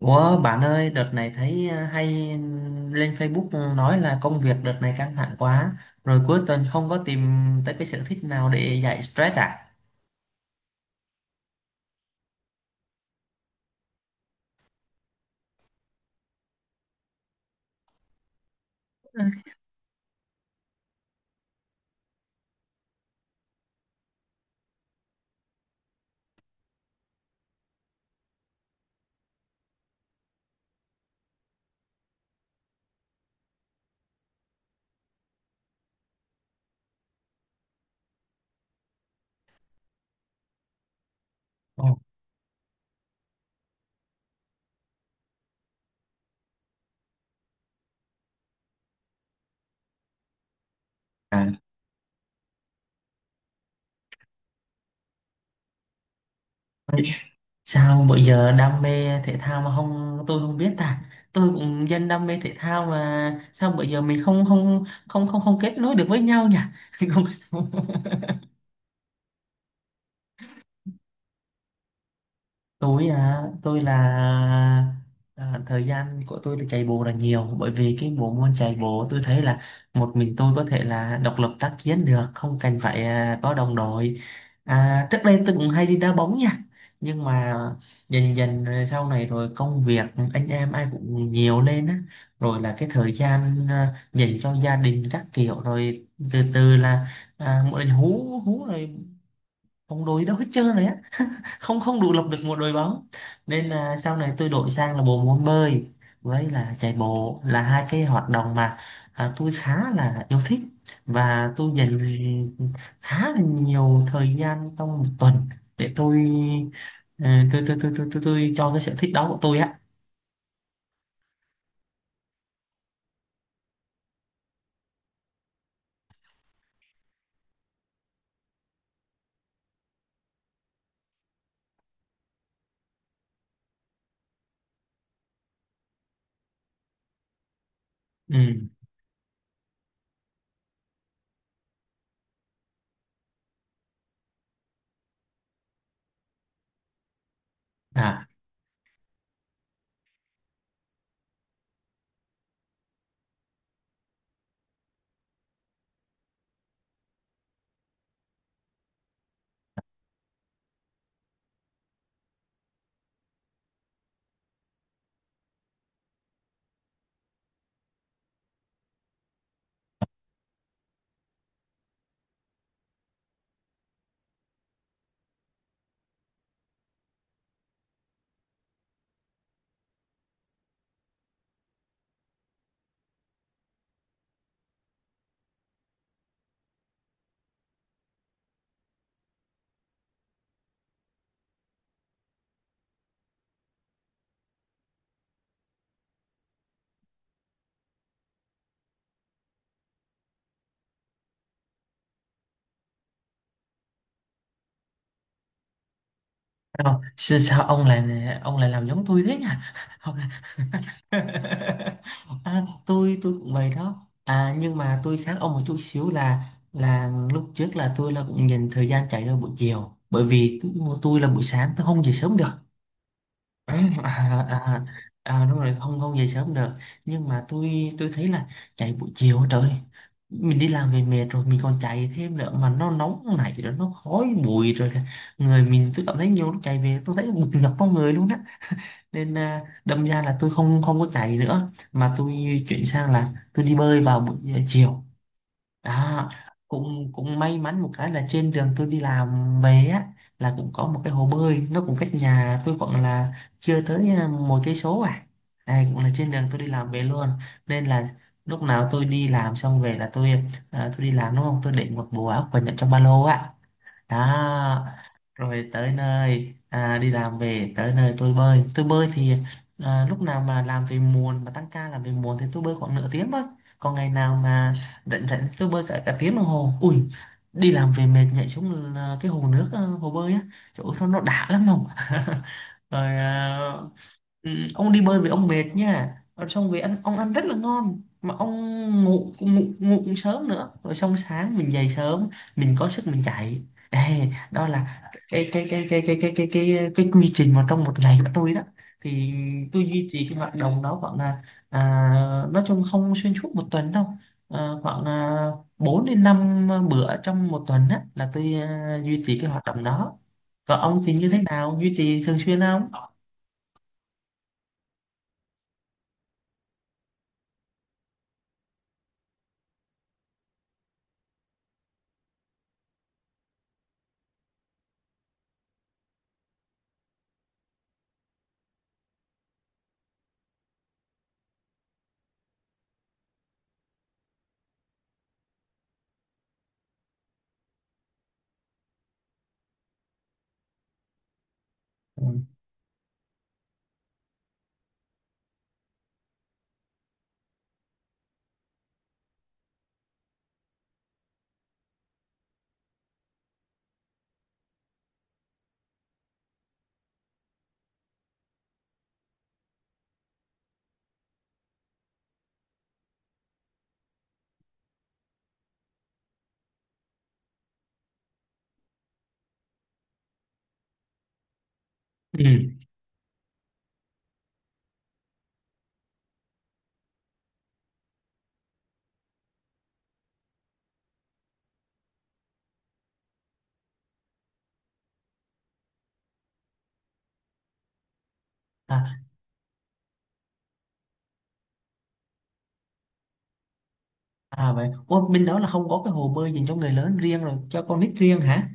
Ủa bạn ơi, đợt này thấy hay lên Facebook nói là công việc đợt này căng thẳng quá, rồi cuối tuần không có tìm tới cái sở thích nào để giải stress à? Ồ. À. Sao bây giờ đam mê thể thao mà không tôi không biết ta? Tôi cũng dân đam mê thể thao mà sao bây giờ mình không không không không không kết nối được với nhau nhỉ? Không. Tôi là thời gian của tôi là chạy bộ là nhiều, bởi vì cái bộ môn chạy bộ tôi thấy là một mình tôi có thể là độc lập tác chiến được, không cần phải có đồng đội. Trước đây tôi cũng hay đi đá bóng nha, nhưng mà dần dần rồi sau này rồi công việc anh em ai cũng nhiều lên á, rồi là cái thời gian dành cho gia đình các kiểu, rồi từ từ là mọi người hú hú rồi, bóng đuối đâu hết trơn rồi á, không không đủ lập được một đội bóng. Nên là sau này tôi đổi sang là bộ môn bơi với là chạy bộ, là hai cái hoạt động mà tôi khá là yêu thích, và tôi dành khá là nhiều thời gian trong một tuần để tôi tôi cho cái sở thích đó của tôi á. Ừ. à Thấy không? Sao sao ông lại làm giống tôi thế nhỉ? Tôi cũng vậy đó, à nhưng mà tôi khác ông một chút xíu là lúc trước là tôi là cũng nhìn thời gian chạy ra buổi chiều, bởi vì tôi là buổi sáng tôi không dậy sớm được. à, à, Đúng rồi, không không dậy sớm được, nhưng mà tôi thấy là chạy buổi chiều trời, mình đi làm về mệt rồi mình còn chạy thêm nữa, mà nó nóng này rồi nó khói bụi rồi kìa. Người mình tôi cảm thấy nhiều lúc chạy về tôi thấy bực nhọc trong người luôn đó. Nên đâm ra là tôi không không có chạy nữa, mà tôi chuyển sang là tôi đi bơi vào buổi chiều đó. Cũng cũng may mắn một cái là trên đường tôi đi làm về á, là cũng có một cái hồ bơi, nó cũng cách nhà tôi khoảng là chưa tới một cây số à. Đây cũng là trên đường tôi đi làm về luôn, nên là lúc nào tôi đi làm xong về là tôi tôi đi làm đúng không, tôi để một bộ áo quần ở trong ba lô á, đó. Rồi tới nơi, đi làm về tới nơi tôi bơi, thì lúc nào mà làm về muộn, mà tăng ca làm về muộn, thì tôi bơi khoảng nửa tiếng thôi. Còn ngày nào mà rảnh rảnh thì tôi bơi cả cả tiếng đồng hồ ui, đi làm về mệt nhảy xuống cái hồ nước, hồ bơi á, chỗ nó đã lắm không. Rồi à. Ừ, ông đi bơi với ông mệt nha, rồi xong về ăn, ông ăn rất là ngon, mà ông ngủ ngủ ngủ cũng sớm nữa, rồi xong sáng mình dậy sớm, mình có sức mình chạy. Ê, đó là cái quy trình mà trong một ngày của tôi đó. Thì tôi duy trì cái hoạt động đó khoảng là à, nói chung không xuyên suốt một tuần đâu, khoảng 4 đến 5 bữa trong một tuần á, là tôi duy trì cái hoạt động đó. Còn ông thì như thế nào, duy trì thường xuyên không? Ừ. Ừ. À, vậy, ủa, bên đó là không có cái hồ bơi dành cho người lớn riêng rồi, cho con nít riêng hả?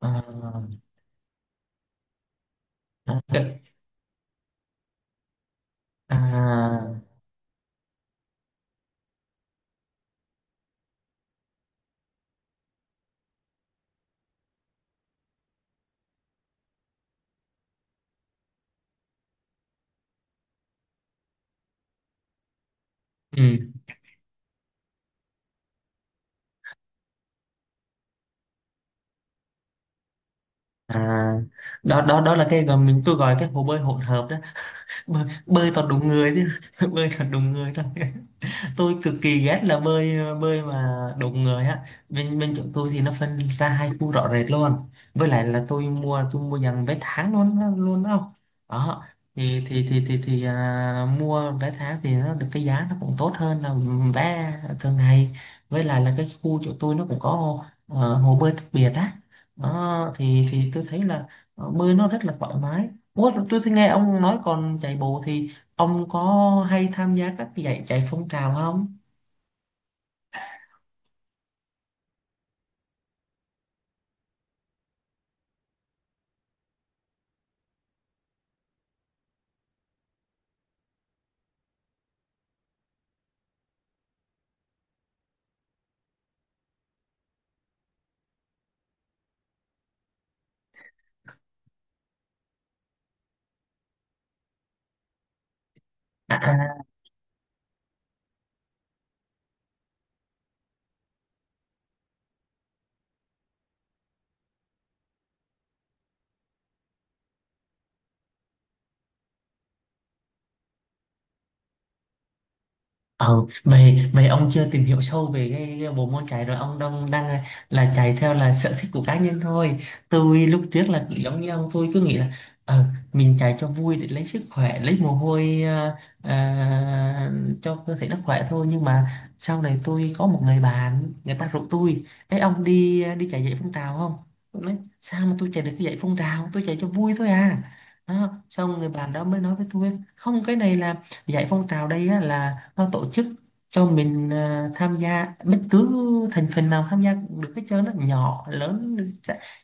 À. à, cái- à, ừ. à, Đó, đó, đó là cái tôi gọi cái hồ bơi hỗn hợp đó, bơi toàn đúng người chứ? Bơi toàn đúng người thôi. Tôi cực kỳ ghét là bơi bơi mà đụng người á. Bên bên chỗ tôi thì nó phân ra hai khu rõ rệt luôn. Với lại là tôi mua dàn vé tháng luôn đó. Đó, mua vé tháng thì nó được cái giá nó cũng tốt hơn là vé thường ngày. Với lại là cái khu chỗ tôi nó cũng có hồ, hồ bơi đặc biệt á. Đó, thì tôi thấy là bơi nó rất là thoải mái. Ủa, tôi thấy nghe ông nói, còn chạy bộ thì ông có hay tham gia các giải chạy phong trào không? À. À. Ờ, vậy vậy ông chưa tìm hiểu sâu về cái bộ môn chạy rồi, ông đang đang là chạy theo là sở thích của cá nhân thôi. Tôi lúc trước là cũng giống như ông, tôi cứ nghĩ là ờ, mình chạy cho vui để lấy sức khỏe, lấy mồ hôi, à, cho cơ thể nó khỏe thôi. Nhưng mà sau này tôi có một người bạn, người ta rủ tôi: "Ấy ông, đi đi chạy dậy phong trào không?" Tôi nói: "Sao mà tôi chạy được cái dậy phong trào, tôi chạy cho vui thôi à." Đó, xong người bạn đó mới nói với tôi: "Không, cái này là dạy phong trào đây á, là nó tổ chức cho mình tham gia, bất cứ thành phần nào tham gia cũng được hết trơn á, nhỏ lớn,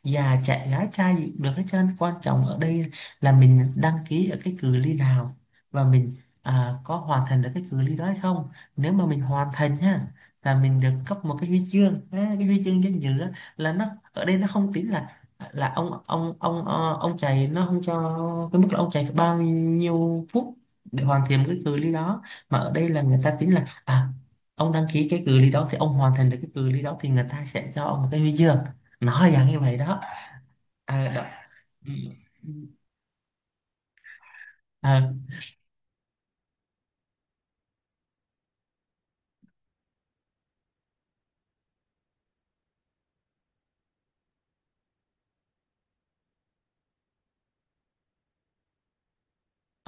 già trẻ gái trai gì cũng được hết trơn. Quan trọng ở đây là mình đăng ký ở cái cự ly nào, và mình có hoàn thành được cái cự ly đó hay không. Nếu mà mình hoàn thành ha, là mình được cấp một cái huy chương á, cái huy chương danh dự á, là nó ở đây nó không tính là ông chạy, nó không cho cái mức là ông chạy phải bao nhiêu phút để hoàn thiện cái cự ly đó, mà ở đây là người ta tính là ông đăng ký cái cự ly đó, thì ông hoàn thành được cái cự ly đó, thì người ta sẽ cho ông một cái huy chương." Nói dạng như vậy đó. Đó. Ừ. À,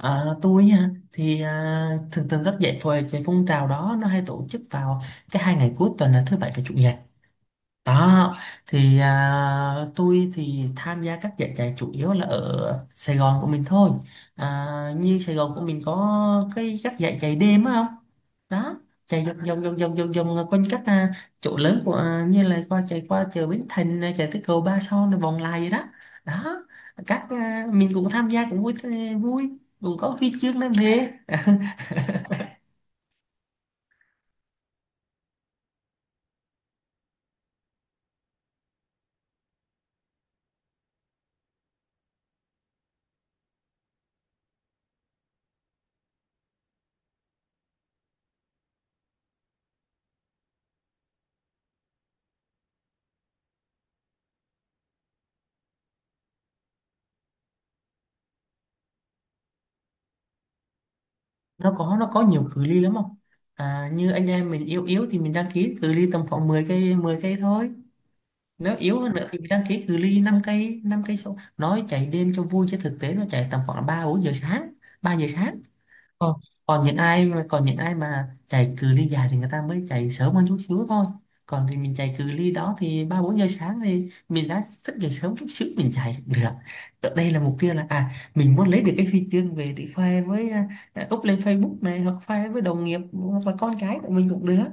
tôi á, thì thường thường các giải phôi cái phong trào đó nó hay tổ chức vào cái hai ngày cuối tuần, là thứ bảy và chủ nhật. Đó, thì tôi thì tham gia các giải chạy chủ yếu là ở Sài Gòn của mình thôi. À, như Sài Gòn của mình có cái các giải chạy đêm á không? Đó, chạy vòng vòng vòng vòng vòng vòng quanh các chỗ lớn của, như là qua chạy qua chợ Bến Thành này, chạy tới cầu Ba Son rồi vòng lại vậy đó. Đó, các mình cũng tham gia cũng vui vui, cũng có huy chương đem về. Nó có, nó có nhiều cự ly lắm không? À, như anh em mình yếu yếu thì mình đăng ký cự ly tầm khoảng 10 cây, 10 cây thôi. Nếu yếu hơn nữa thì mình đăng ký cự ly 5 cây, 5 cây số. Nói chạy đêm cho vui chứ thực tế nó chạy tầm khoảng 3 4 giờ sáng, 3 giờ sáng. Còn còn những ai mà Còn những ai mà chạy cự ly dài thì người ta mới chạy sớm hơn chút xíu thôi. Còn thì mình chạy cự ly đó thì 3 4 giờ sáng, thì mình đã thức dậy sớm chút xíu mình chạy được. Ở đây là mục tiêu là mình muốn lấy được cái huy chương về để khoe với, up lên Facebook này, hoặc khoe với đồng nghiệp, hoặc là con cái của mình cũng được.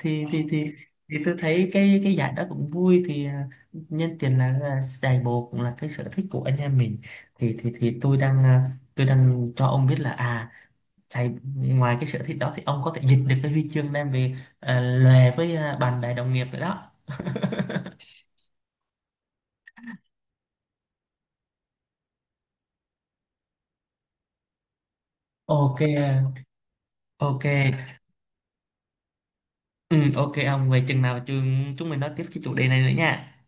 Thì tôi thấy cái giải đó cũng vui, thì nhân tiện là giải bồ cũng là cái sở thích của anh em mình, thì tôi đang tôi đang cho ông biết là giải, ngoài cái sở thích đó thì ông có thể giành được cái huy chương đem về lề với bạn bè đồng nghiệp nữa đó. Ok. Ok. Ừ, ok, ông về chừng nào chúng chúng mình nói tiếp cái chủ đề này nữa nha.